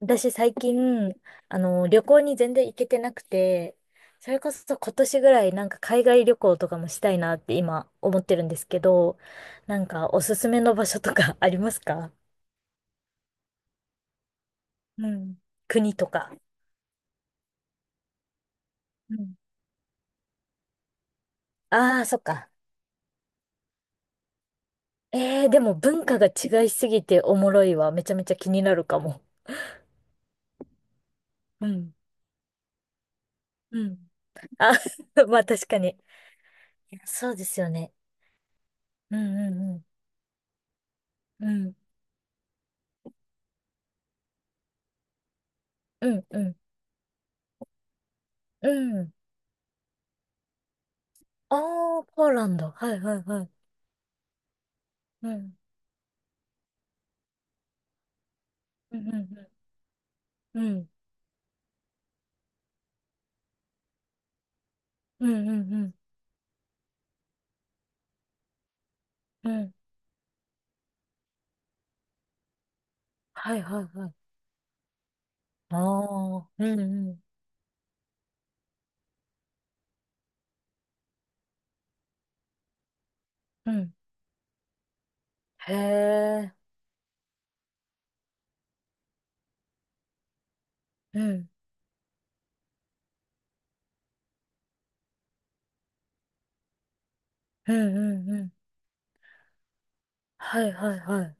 私最近、旅行に全然行けてなくて、それこそ今年ぐらいなんか海外旅行とかもしたいなって今思ってるんですけど、なんかおすすめの場所とか ありますか？うん。国とか。うん。ああ、そっか。えー、でも文化が違いすぎておもろいわ。めちゃめちゃ気になるかも。うん。うん。あ、まあ確かに。いやそうですよね。うんうんうん。うん。うんうん。うん。ああ、ポーランド。はいはいはい。うんうんうんうん。うんうんうんうん。うん。はいはいはい。ああ、うんうんうん。へえ、うん。うんうんうん。はいはいはい。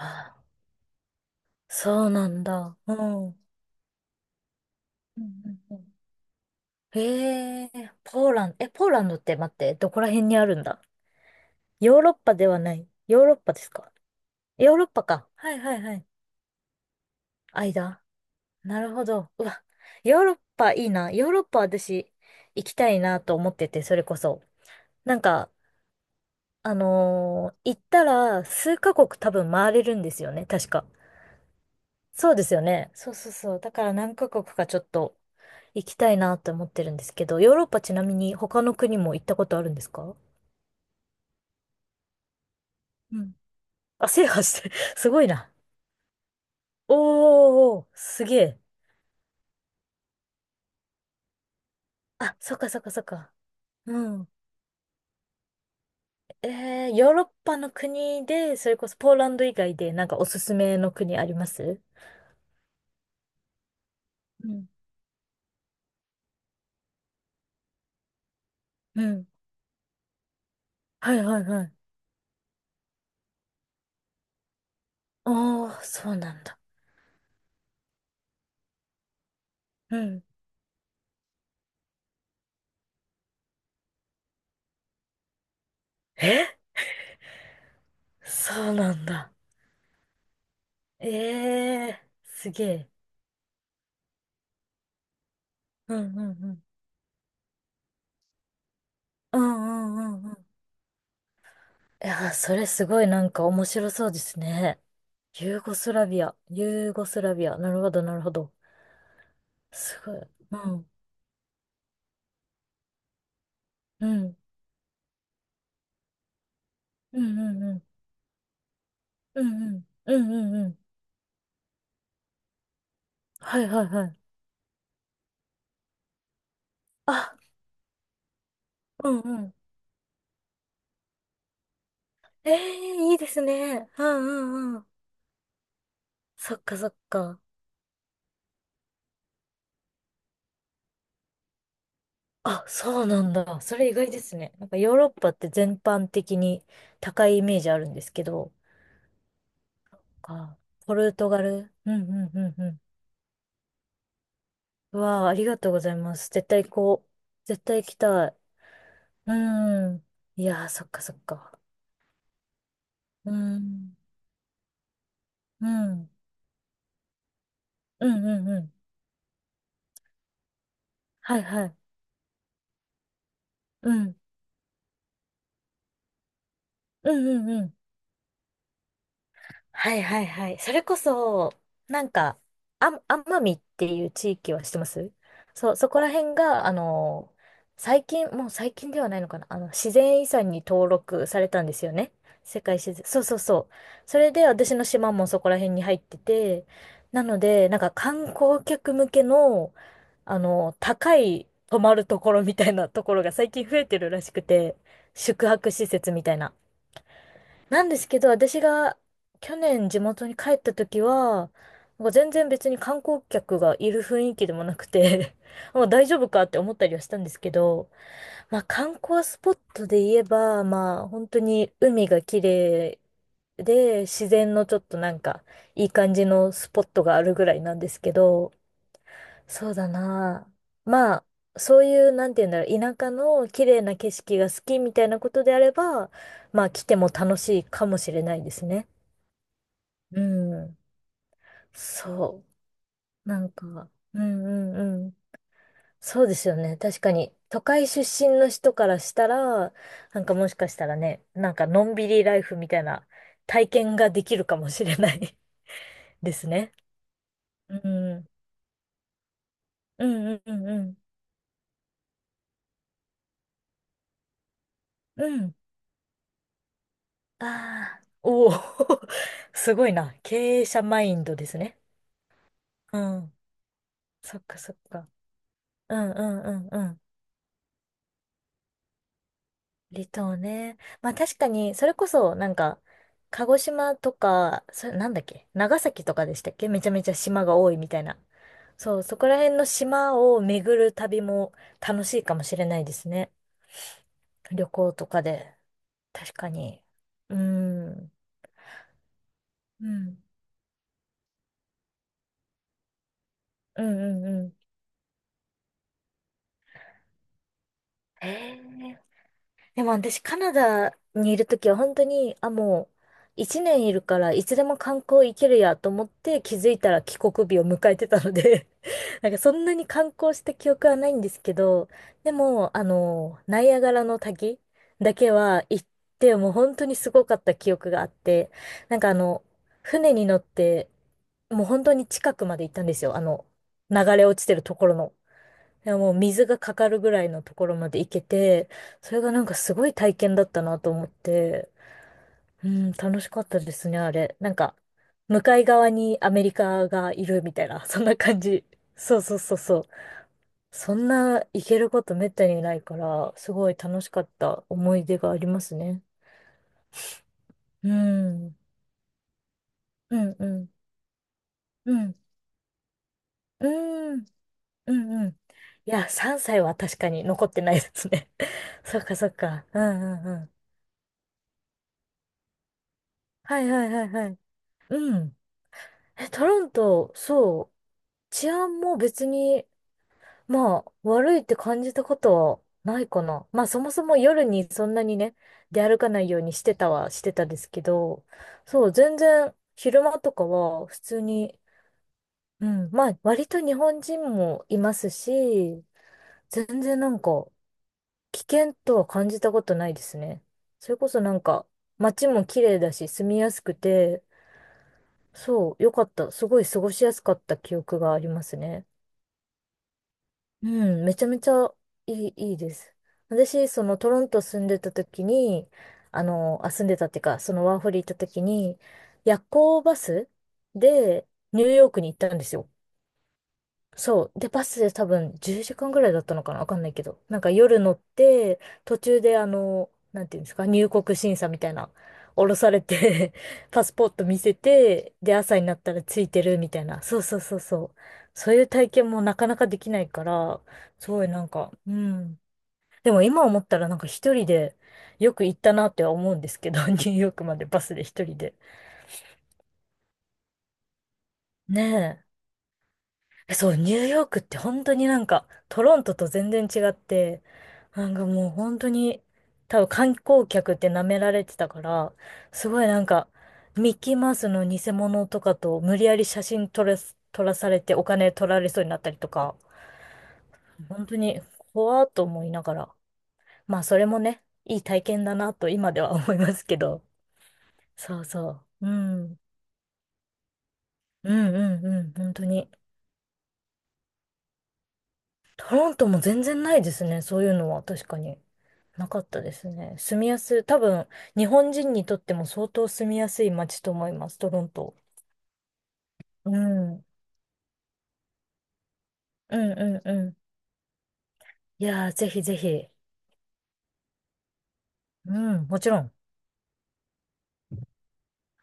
あー、そうなんだ。うん。うんうんうん。へえ、ポーランド、え、ポーランドって待って、どこら辺にあるんだ？ヨーロッパではない。ヨーロッパですか？ヨーロッパか。はいはいはい。間。なるほど。うわ、ヨーロッパいいな。ヨーロッパ私行きたいなと思ってて、それこそ。なんか、行ったら数カ国多分回れるんですよね、確か。そうですよね。そうそうそう。だから何カ国かちょっと行きたいなと思ってるんですけど、ヨーロッパちなみに他の国も行ったことあるんですか？うん。あ、制覇して、すごいな。おー、すげえ。あ、そっかそっかそっか。うん。ヨーロッパの国で、それこそポーランド以外でなんかおすすめの国あります？うん。うん。はいはいはい。ああ、そうなんだ。うん。え、そうなんだ。ええ、すげえ。うんうんうん。うんうんうんうん。いやー、それすごいなんか面白そうですね。ユーゴスラビア、ユーゴスラビア。なるほど、なるほど。すごい。うん。うん。うんうんうん。うんうん。うんうんうん。はいはいはい。あ、うんうん。ええ、いいですね。うんうんうん。そっかそっか。あ、そうなんだ。それ意外ですね。なんかヨーロッパって全般的に高いイメージあるんですけど、か。ポルトガル。うんうんうんうん。うわあ、ありがとうございます。絶対行こう。絶対行きたい。うん。いやー、そっかそっか。うん。うん。うんうんうん。はいはい。うん。うんうんうん。はいはいはい。それこそ、なんか、あ、奄美っていう地域は知ってます？そう、そこら辺が、最近、もう最近ではないのかな、自然遺産に登録されたんですよね。世界自然。そうそうそう。それで私の島もそこら辺に入ってて、なので、なんか観光客向けの、高い泊まるところみたいなところが最近増えてるらしくて、宿泊施設みたいな。なんですけど、私が去年地元に帰った時は、なんか全然別に観光客がいる雰囲気でもなくて まあ大丈夫かって思ったりはしたんですけど、まあ観光スポットで言えば、まあ本当に海が綺麗で、自然のちょっとなんかいい感じのスポットがあるぐらいなんですけど、そうだな。まあ、そういう、なんて言うんだろう、田舎の綺麗な景色が好きみたいなことであれば、まあ、来ても楽しいかもしれないですね。うん。そう。なんか、うんうんうん。そうですよね。確かに、都会出身の人からしたら、なんかもしかしたらね、なんかのんびりライフみたいな体験ができるかもしれない ですね。うん。うんうんうんうん。うん。ああ、おお、すごいな。経営者マインドですね。うん。そっかそっか。うんうんうんうん。離島ね。まあ確かに、それこそなんか、鹿児島とか、それなんだっけ長崎とかでしたっけ、めちゃめちゃ島が多いみたいな。そう、そこら辺の島を巡る旅も楽しいかもしれないですね。旅行とかで。確かに。うーん。うん。うんうんうん。へえ。でも私、カナダにいるときは本当に、あ、もう、一年いるから、いつでも観光行けるやと思って気づいたら帰国日を迎えてたので なんかそんなに観光した記憶はないんですけど、でも、ナイアガラの滝だけは行って、もう本当にすごかった記憶があって、なんか船に乗って、もう本当に近くまで行ったんですよ。流れ落ちてるところの。でももう水がかかるぐらいのところまで行けて、それがなんかすごい体験だったなと思って、うん、楽しかったですね、あれ。なんか、向かい側にアメリカがいるみたいな、そんな感じ。そうそうそうそう。そんな行けることめったにないから、すごい楽しかった思い出がありますね。うん。うん、うん、うん、うん、うん、うん。いや、3歳は確かに残ってないですね。そっかそっか。うん、うん、うん。はいはいはいはい。うん。え、トロント、そう。治安も別に、まあ、悪いって感じたことはないかな。まあ、そもそも夜にそんなにね、出歩かないようにしてたはしてたですけど、そう、全然昼間とかは普通に、うん、まあ、割と日本人もいますし、全然なんか、危険とは感じたことないですね。それこそなんか、街も綺麗だし、住みやすくて、そう、よかった。すごい過ごしやすかった記憶がありますね。うん、めちゃめちゃいい、いいです。私、そのトロント住んでた時に、あ、住んでたっていうか、そのワーホリ行った時に、夜行バスでニューヨークに行ったんですよ。そう。で、バスで多分10時間ぐらいだったのかなわかんないけど。なんか夜乗って、途中でなんていうんですか、入国審査みたいな、降ろされて パスポート見せて、で、朝になったらついてるみたいな。そうそうそうそう。そういう体験もなかなかできないから、すごいなんか、うん。でも今思ったらなんか一人でよく行ったなっては思うんですけど、ニューヨークまでバスで一人で。ねえ。え、そう、ニューヨークって本当になんか、トロントと全然違って、なんかもう本当に、多分観光客って舐められてたから、すごいなんか、ミッキーマウスの偽物とかと無理やり写真撮らされてお金取られそうになったりとか、本当に怖っと思いながら、まあそれもね、いい体験だなと今では思いますけど、そうそう、うん、うんうんうん、本当に。トロントも全然ないですね。そういうのは確かになかったですね。住みやすい。多分、日本人にとっても相当住みやすい街と思います、トロント。うん。うんうんうん。いやー、ぜひぜひ。うん、もちろん。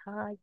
はーい。